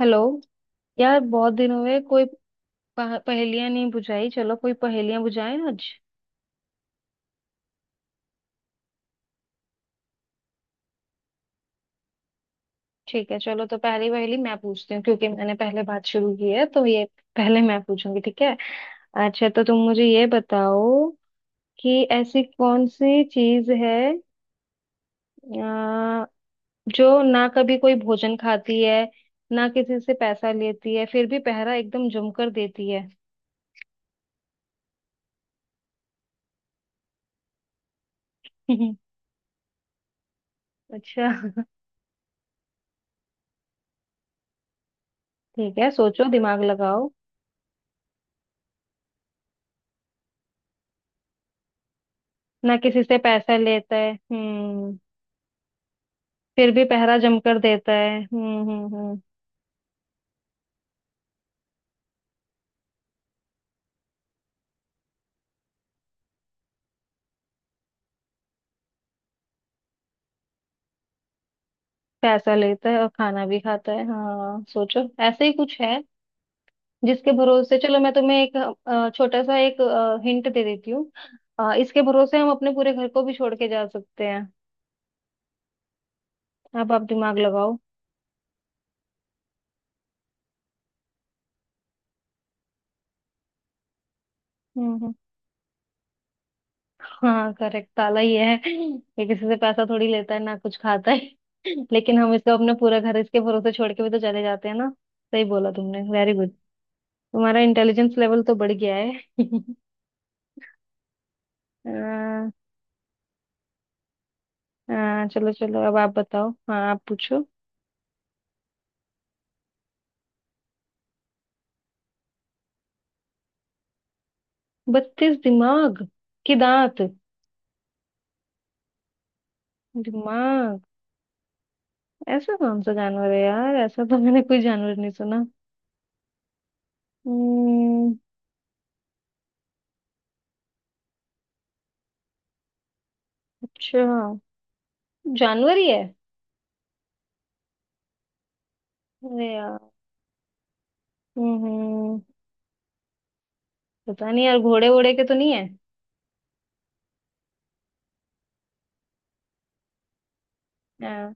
Hello यार, बहुत दिन हुए कोई पहेलियां नहीं बुझाई। चलो कोई पहेलियां बुझाएं आज। ठीक है, चलो। तो पहली पहेली मैं पूछती हूँ, क्योंकि मैंने पहले बात शुरू की है तो ये पहले मैं पूछूंगी, ठीक है। अच्छा तो तुम मुझे ये बताओ कि ऐसी कौन सी चीज है अ, जो ना कभी कोई भोजन खाती है, ना किसी से पैसा लेती है, फिर भी पहरा एकदम जमकर देती है। अच्छा, ठीक है, सोचो, दिमाग लगाओ। ना किसी से पैसा लेता है, हम्म। फिर भी पहरा जमकर देता है, हम्म। पैसा लेता है और खाना भी खाता है, हाँ, सोचो, ऐसे ही कुछ है जिसके भरोसे। चलो मैं तुम्हें एक छोटा सा एक हिंट दे देती हूँ। इसके भरोसे हम अपने पूरे घर को भी छोड़ के जा सकते हैं। अब आप दिमाग लगाओ। हम्म हम्म। हाँ करेक्ट, ताला ही है ये। किसी से पैसा थोड़ी लेता है, ना कुछ खाता है, लेकिन हम इसको अपना पूरा घर इसके भरोसे छोड़ के भी तो चले जाते हैं ना। सही बोला तुमने, वेरी गुड। तुम्हारा इंटेलिजेंस लेवल तो बढ़ गया है। अ, हाँ चलो चलो, अब आप बताओ, हाँ आप पूछो। बत्तीस दिमाग? के दांत? दिमाग? ऐसा कौन सा जानवर है यार, ऐसा तो मैंने कोई जानवर नहीं सुना। हम्म। अच्छा, जानवर ही है? अरे यार। हम्म हम्म। पता नहीं यार, घोड़े वोड़े के तो नहीं है? हाँ,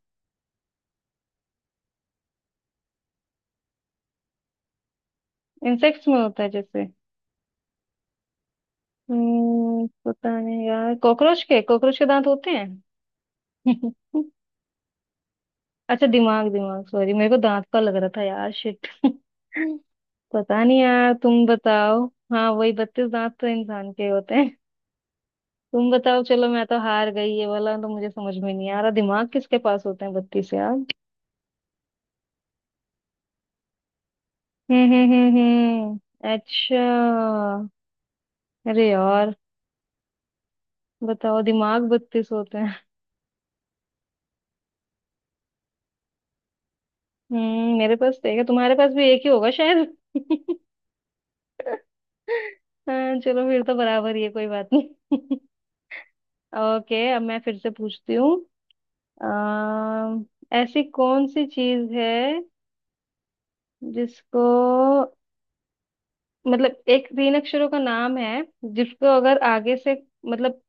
इंसेक्ट्स में होता है जैसे? हम्म, पता नहीं यार, कॉकरोच के, कॉकरोच के दांत होते हैं। अच्छा दिमाग दिमाग, सॉरी, मेरे को दांत का लग रहा था यार, शिट। पता नहीं यार, तुम बताओ। हाँ, वही, बत्तीस दांत तो इंसान के होते हैं। तुम बताओ, चलो मैं तो हार गई, ये वाला तो मुझे समझ में नहीं आ रहा, दिमाग किसके पास होते हैं बत्तीस यार। हम्म। अच्छा। अरे यार, बताओ, दिमाग बत्तीस होते हैं? हम्म, मेरे पास तो एक है, तुम्हारे पास भी एक ही होगा शायद। हाँ चलो, फिर तो बराबर ही है, कोई बात नहीं। ओके, अब मैं फिर से पूछती हूँ। अम, ऐसी कौन सी चीज है जिसको, मतलब एक तीन अक्षरों का नाम है जिसको अगर आगे से, मतलब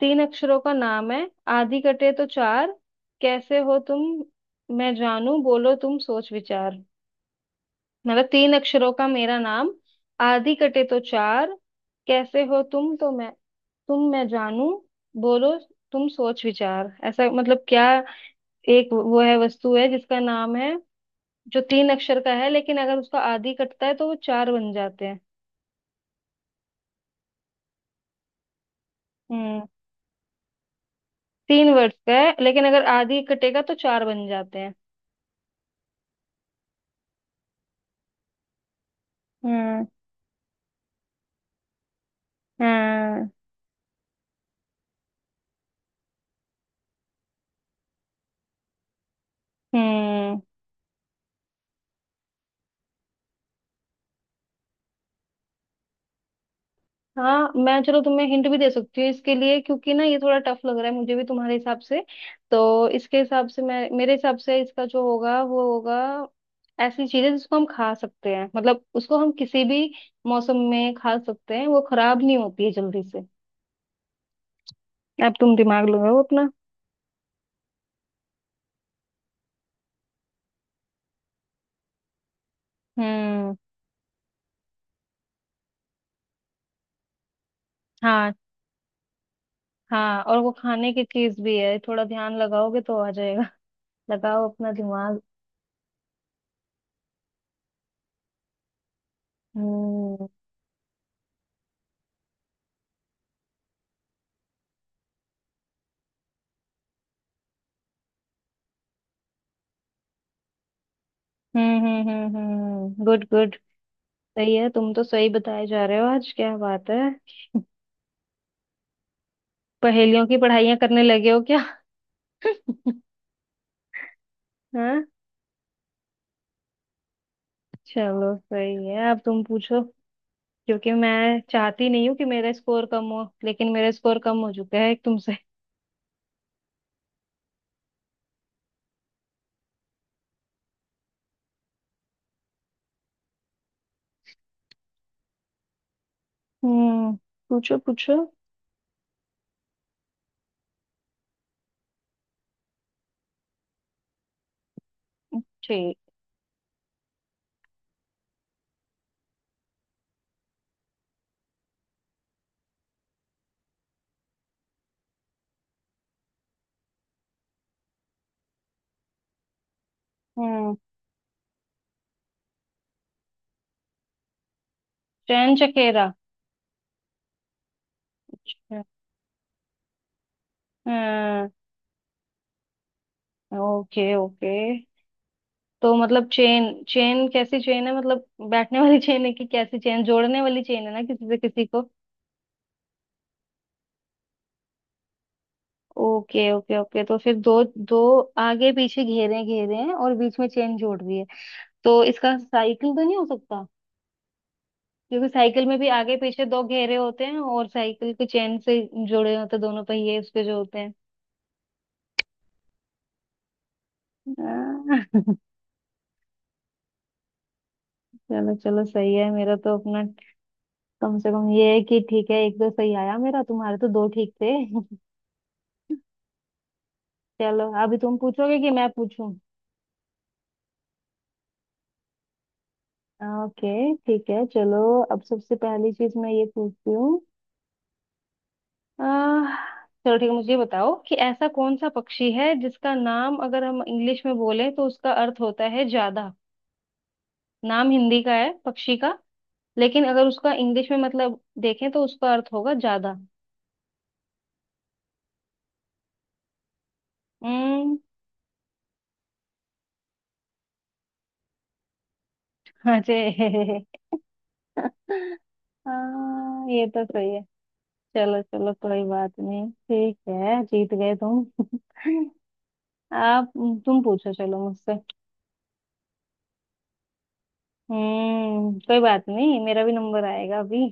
तीन अक्षरों का नाम है, आधी कटे तो चार, कैसे हो तुम मैं जानू, बोलो तुम सोच विचार। मतलब तीन अक्षरों का मेरा नाम, आधी कटे तो चार, कैसे हो तुम, तो मैं तुम मैं जानू, बोलो तुम सोच विचार। ऐसा मतलब क्या, एक वो है, वस्तु है जिसका नाम है जो तीन अक्षर का है, लेकिन अगर उसका आधी कटता है तो वो चार बन जाते हैं। हम्म। तीन वर्ड्स का है, लेकिन अगर आधी कटेगा तो चार बन जाते हैं। हम्म हम्म हम्म। हाँ, मैं, चलो तुम्हें हिंट भी दे सकती हूँ इसके लिए, क्योंकि ना ये थोड़ा टफ लग रहा है मुझे भी तुम्हारे हिसाब से। तो इसके हिसाब से मैं, मेरे हिसाब से इसका जो होगा वो होगा, ऐसी चीज है जिसको हम खा सकते हैं, मतलब उसको हम किसी भी मौसम में खा सकते हैं, वो खराब नहीं होती है जल्दी से। अब तुम दिमाग लगाओ अपना। हम्म। हाँ, हाँ, और वो खाने की चीज भी है, थोड़ा ध्यान लगाओगे तो आ जाएगा। लगाओ अपना दिमाग। हम्म हम्म, गुड गुड, सही है। तुम तो सही बताए जा रहे हो, आज क्या बात है, पहेलियों की पढ़ाइयाँ करने लगे हो क्या? हाँ चलो, सही है, अब तुम पूछो, क्योंकि मैं चाहती नहीं हूँ कि मेरा स्कोर कम हो, लेकिन मेरा स्कोर कम हो चुका है एक तुमसे। हम्म, पूछो पूछो। ठीक। हम्म। चैन चकेरा। अच्छा। हाँ। ओके ओके, तो मतलब चेन, चेन कैसी चेन है मतलब, बैठने वाली चेन है कि कैसी चेन, जोड़ने वाली चेन है ना, किसी से किसी को। ओके ओके ओके, तो फिर दो दो, आगे पीछे घेरे घेरे हैं और बीच में चेन जोड़ रही है, तो इसका साइकिल तो नहीं हो सकता? क्योंकि साइकिल में भी आगे पीछे दो घेरे होते हैं और साइकिल की चेन से जुड़े होते हैं दोनों पहिए उसके जो होते हैं। आह, चलो चलो, सही है, मेरा तो अपना कम से कम ये है कि ठीक है, एक तो सही आया मेरा, तुम्हारे तो दो ठीक थे। चलो, अभी तुम पूछोगे कि मैं पूछूं? ओके ठीक है, चलो, अब सबसे पहली चीज मैं ये पूछती हूँ। आह, चलो ठीक है, मुझे ये बताओ कि ऐसा कौन सा पक्षी है जिसका नाम अगर हम इंग्लिश में बोले तो उसका अर्थ होता है ज्यादा। नाम हिंदी का है पक्षी का, लेकिन अगर उसका इंग्लिश में मतलब देखें तो उसका अर्थ होगा ज्यादा। हम्म। हाँ जे। हाँ ये तो सही है। चलो चलो, कोई बात नहीं, ठीक है, जीत गए तुम। आप, तुम पूछो, चलो मुझसे। हम्म, कोई बात नहीं, मेरा भी नंबर आएगा अभी।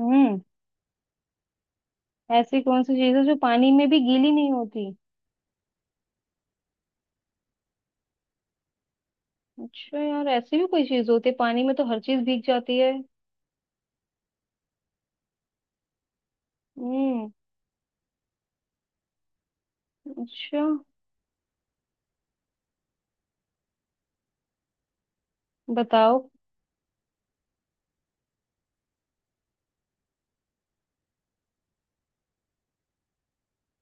हम्म। ऐसी कौन सी चीज है जो पानी में भी गीली नहीं होती? अच्छा यार, ऐसी भी कोई चीज होती है, पानी में तो हर चीज भीग जाती है। हम्म। अच्छा, बताओ।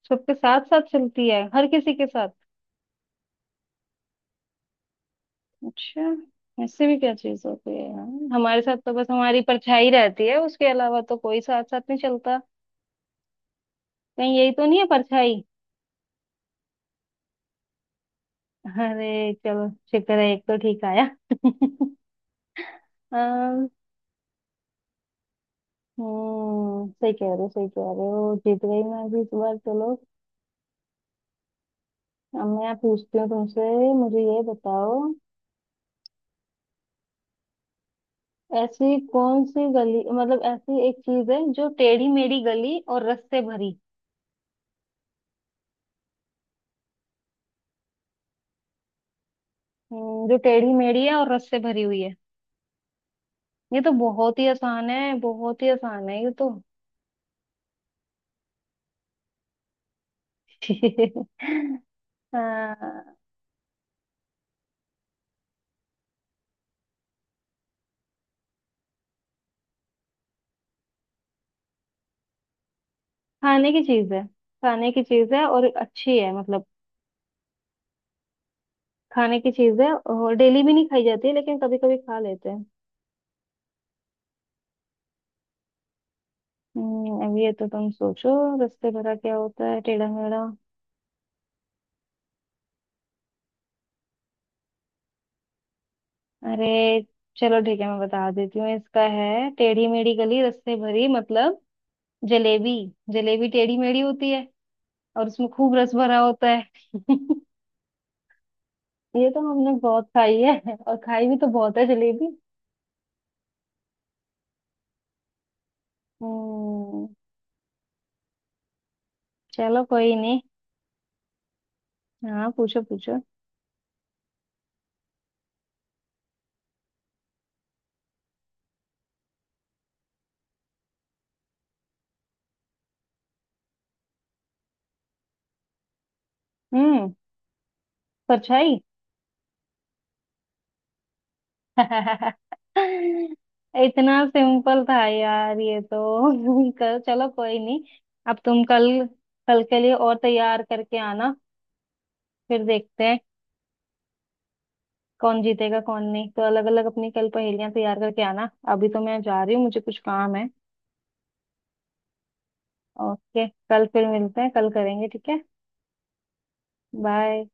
सबके साथ साथ चलती है, हर किसी के साथ? अच्छा। ऐसे भी क्या चीज होती है यार, हमारे साथ तो बस हमारी परछाई रहती है, उसके अलावा तो कोई साथ साथ नहीं चलता। कहीं यही तो नहीं है, परछाई? अरे चलो, शुक्र है, एक तो ठीक आया। अम, हम्म, सही कह रहे हो, सही कह रहे हो, जीत गई मैं भी इस बार, चलो। अब मैं पूछती हूँ तुमसे, मुझे ये बताओ, ऐसी कौन सी गली, मतलब ऐसी एक चीज है जो टेढ़ी मेढ़ी गली और रस से भरी। जो टेढ़ी मेढ़ी है और रस से भरी हुई है। ये तो बहुत ही आसान है, बहुत ही आसान है ये तो। हाँ, खाने की चीज है, खाने की चीज है और अच्छी है, मतलब खाने की चीज है और डेली भी नहीं खाई जाती है, लेकिन कभी कभी खा लेते हैं। अब ये तो तुम सोचो, रस्ते भरा क्या होता है टेढ़ा मेढ़ा। अरे चलो ठीक है, मैं बता देती हूँ इसका, है टेढ़ी मेढ़ी गली रस्ते भरी मतलब जलेबी, जलेबी टेढ़ी मेढ़ी होती है और उसमें खूब रस भरा होता है। ये तो हमने बहुत खाई है, और खाई भी तो बहुत है जलेबी। हम्म। चलो कोई नहीं, हाँ पूछो पूछो। हम्म। परछाई। इतना सिंपल था यार ये तो। चलो कोई नहीं, अब तुम कल, कल के लिए और तैयार करके आना, फिर देखते हैं कौन जीतेगा कौन नहीं। तो अलग अलग अपनी कल पहेलियां तैयार करके आना, अभी तो मैं जा रही हूँ, मुझे कुछ काम है। ओके, कल फिर मिलते हैं, कल करेंगे, ठीक है। बाय।